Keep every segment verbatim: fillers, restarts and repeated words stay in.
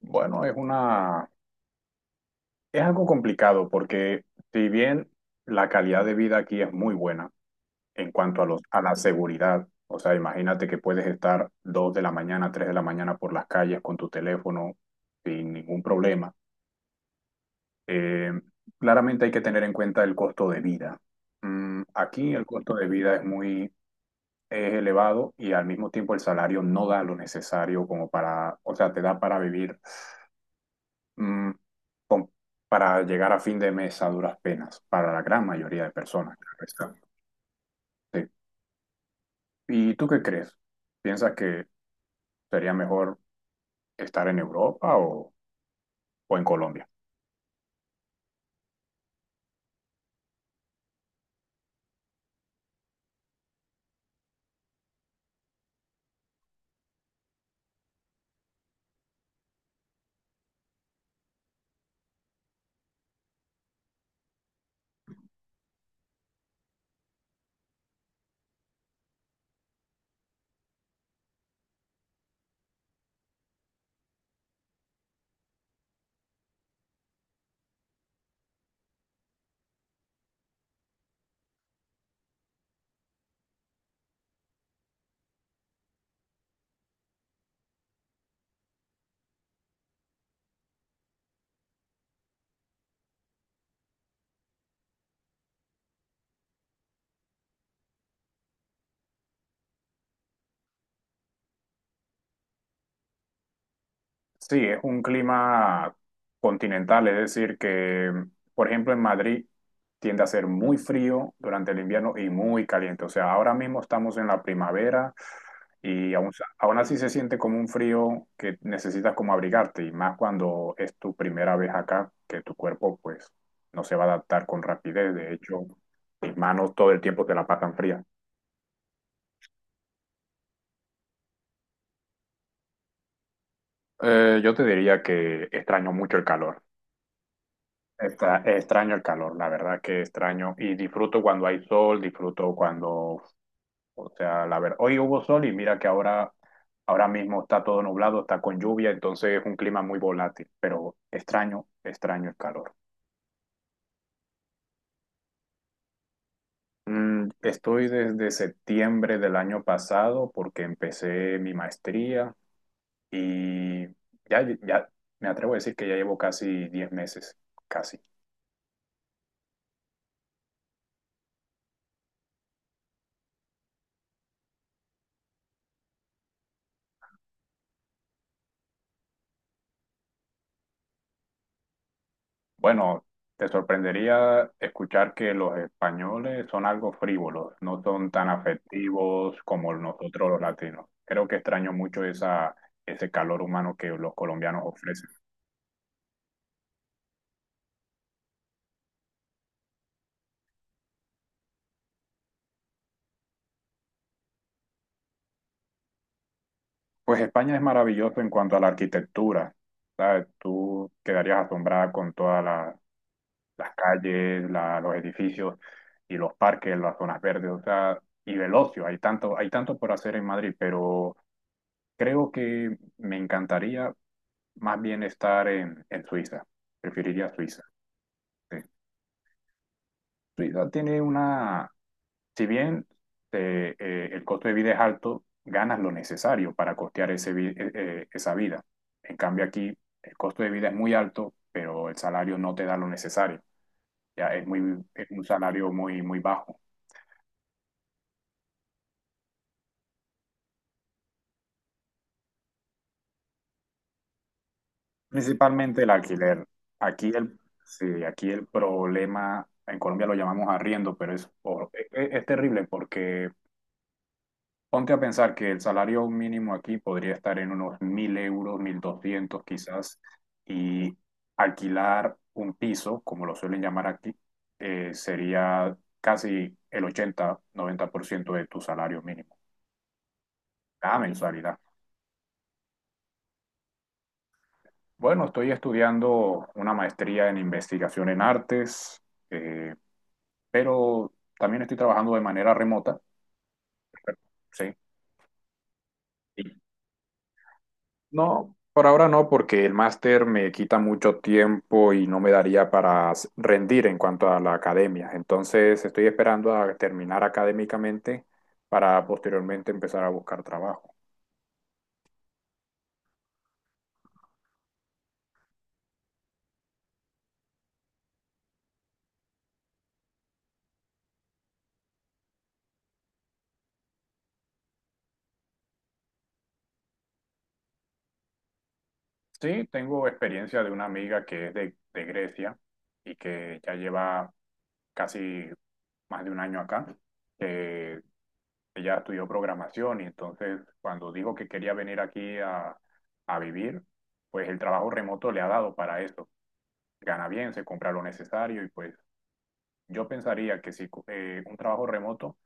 Bueno, es una, es algo complicado porque si bien la calidad de vida aquí es muy buena en cuanto a los, a la seguridad, o sea, imagínate que puedes estar dos de la mañana, tres de la mañana por las calles con tu teléfono sin ningún problema. Eh, claramente hay que tener en cuenta el costo de vida. Mm, aquí el costo de vida es muy, es elevado y al mismo tiempo el salario no da lo necesario como para, o sea, te da para vivir mm, con- para llegar a fin de mes a duras penas, para la gran mayoría de personas, claro está. Sí. ¿Y tú qué crees? ¿Piensas que sería mejor estar en Europa o, o en Colombia? Sí, es un clima continental, es decir, que, por ejemplo, en Madrid tiende a ser muy frío durante el invierno y muy caliente. O sea, ahora mismo estamos en la primavera y aún, aún así se siente como un frío que necesitas como abrigarte y más cuando es tu primera vez acá, que tu cuerpo pues no se va a adaptar con rapidez. De hecho, mis manos todo el tiempo te la pasan fría. Eh, yo te diría que extraño mucho el calor. Está, extraño el calor, la verdad que extraño. Y disfruto cuando hay sol, disfruto cuando, o sea, la verdad, hoy hubo sol y mira que ahora, ahora mismo está todo nublado, está con lluvia, entonces es un clima muy volátil, pero extraño, extraño el calor. Mm, estoy desde septiembre del año pasado porque empecé mi maestría y ya, ya me atrevo a decir que ya llevo casi diez meses, casi. Bueno, te sorprendería escuchar que los españoles son algo frívolos, no son tan afectivos como nosotros los latinos. Creo que extraño mucho esa, ese calor humano que los colombianos ofrecen. Pues España es maravilloso en cuanto a la arquitectura, ¿sabes? Tú quedarías asombrada con todas la- las calles, la- los edificios y los parques, las zonas verdes, o sea, y el ocio. Hay tanto, hay tanto por hacer en Madrid, pero creo que me encantaría más bien estar en, en Suiza. Preferiría Suiza. Sí. Suiza tiene una, si bien eh, eh, el costo de vida es alto, ganas lo necesario para costear ese, vi- eh, eh, esa vida. En cambio aquí el costo de vida es muy alto, pero el salario no te da lo necesario. Ya es muy, es un salario muy, muy bajo. Principalmente el alquiler. Aquí el, sí, aquí el problema, en Colombia lo llamamos arriendo, pero es, hor- e- e- es, terrible porque ponte a pensar que el salario mínimo aquí podría estar en unos mil euros, mil doscientos quizás, y alquilar un piso, como lo suelen llamar aquí, eh, sería casi el ochenta noventa por ciento de tu salario mínimo, la mensualidad. Bueno, estoy estudiando una maestría en investigación en artes. eh, pero también estoy trabajando de manera remota, ¿sí? Y no, por ahora no, porque el máster me quita mucho tiempo y no me daría para s- rendir en cuanto a la academia. Entonces estoy esperando a terminar académicamente para posteriormente empezar a buscar trabajo. Sí, tengo experiencia de una amiga que es de, de Grecia y que ya lleva casi más de un año acá. Eh, Ella estudió programación y entonces cuando dijo que quería venir aquí a, a vivir, pues el trabajo remoto le ha dado para eso. Gana bien, se compra lo necesario y pues yo pensaría que si eh, un trabajo remoto,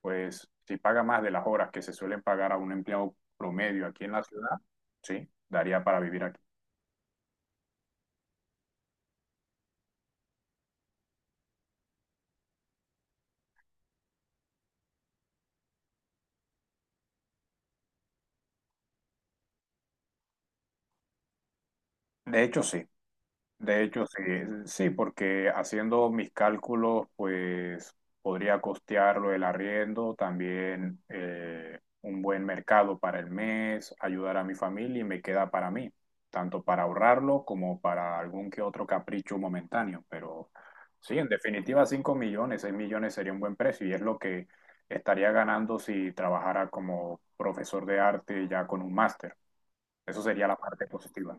pues si paga más de las horas que se suelen pagar a un empleado promedio aquí en la ciudad, sí, daría para vivir aquí. De hecho, sí. De hecho, sí, sí, porque haciendo mis cálculos, pues podría costearlo el arriendo, también eh, un buen mercado para el mes, ayudar a mi familia y me queda para mí, tanto para ahorrarlo como para algún que otro capricho momentáneo. Pero sí, en definitiva, cinco millones, seis millones sería un buen precio y es lo que estaría ganando si trabajara como profesor de arte ya con un máster. Eso sería la parte positiva.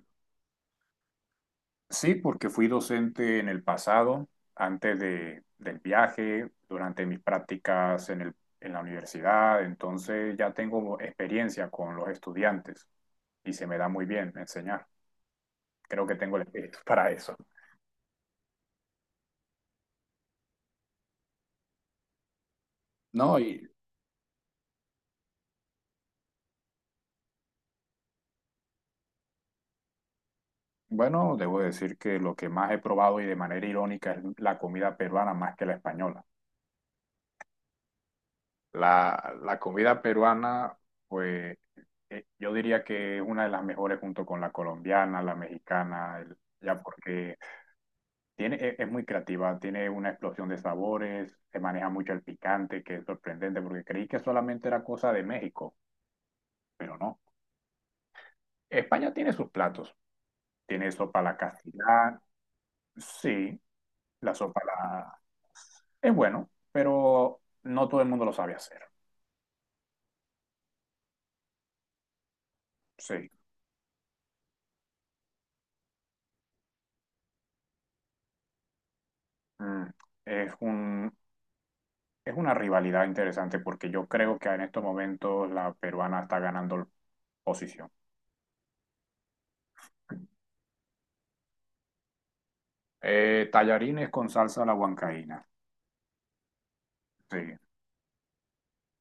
Sí, porque fui docente en el pasado, antes de, del viaje, durante mis prácticas en el- en la universidad, entonces ya tengo experiencia con los estudiantes y se me da muy bien enseñar. Creo que tengo el espíritu para eso. No, y bueno, debo decir que lo que más he probado y de manera irónica es la comida peruana más que la española. La, la comida peruana, pues eh, yo diría que es una de las mejores junto con la colombiana, la mexicana, el- ya porque tiene, e- es muy creativa, tiene una explosión de sabores, se maneja mucho el picante, que es sorprendente, porque creí que solamente era cosa de México, pero no. España tiene sus platos, tiene sopa a la castilá, sí, la sopa a la. Es bueno, pero no todo el mundo lo sabe hacer, sí. Mm, Es un, es una rivalidad interesante porque yo creo que en estos momentos la peruana está ganando posición. Eh, tallarines con salsa a la huancaína, sí.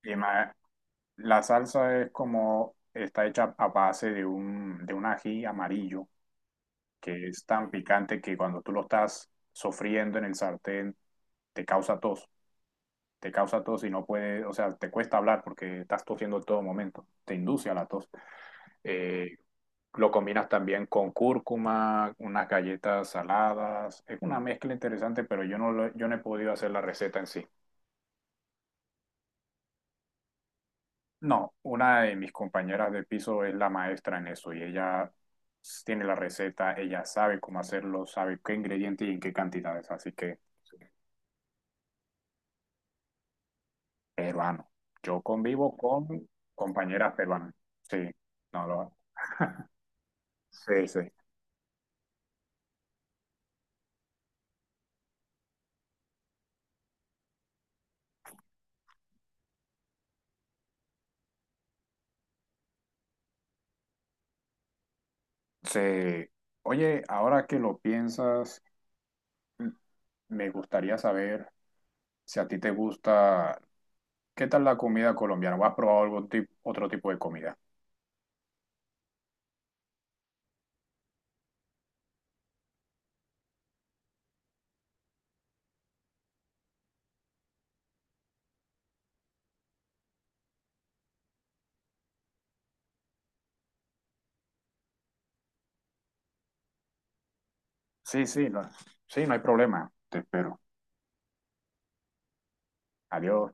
Y ma- La salsa es como, está hecha a base de un, de un ají amarillo que es tan picante que cuando tú lo estás sofriendo en el sartén te causa tos, te causa tos y no puedes, o sea, te cuesta hablar porque estás tosiendo en todo momento, te induce a la tos. Eh, lo combinas también con cúrcuma, unas galletas saladas, es una mezcla interesante, pero yo no, lo- yo no he podido hacer la receta en sí. No, una de mis compañeras de piso es la maestra en eso y ella tiene la receta, ella sabe cómo hacerlo, sabe qué ingredientes y en qué cantidades, así que peruano. Yo convivo con compañeras peruanas. Sí, no lo. Sí, sí. Sí. Oye, ahora que lo piensas, m- me gustaría saber si a ti te gusta, ¿qué tal la comida colombiana? ¿O has probado algún tipo, otro tipo de comida? Sí, sí, no. Sí, no hay problema. Te espero. Adiós.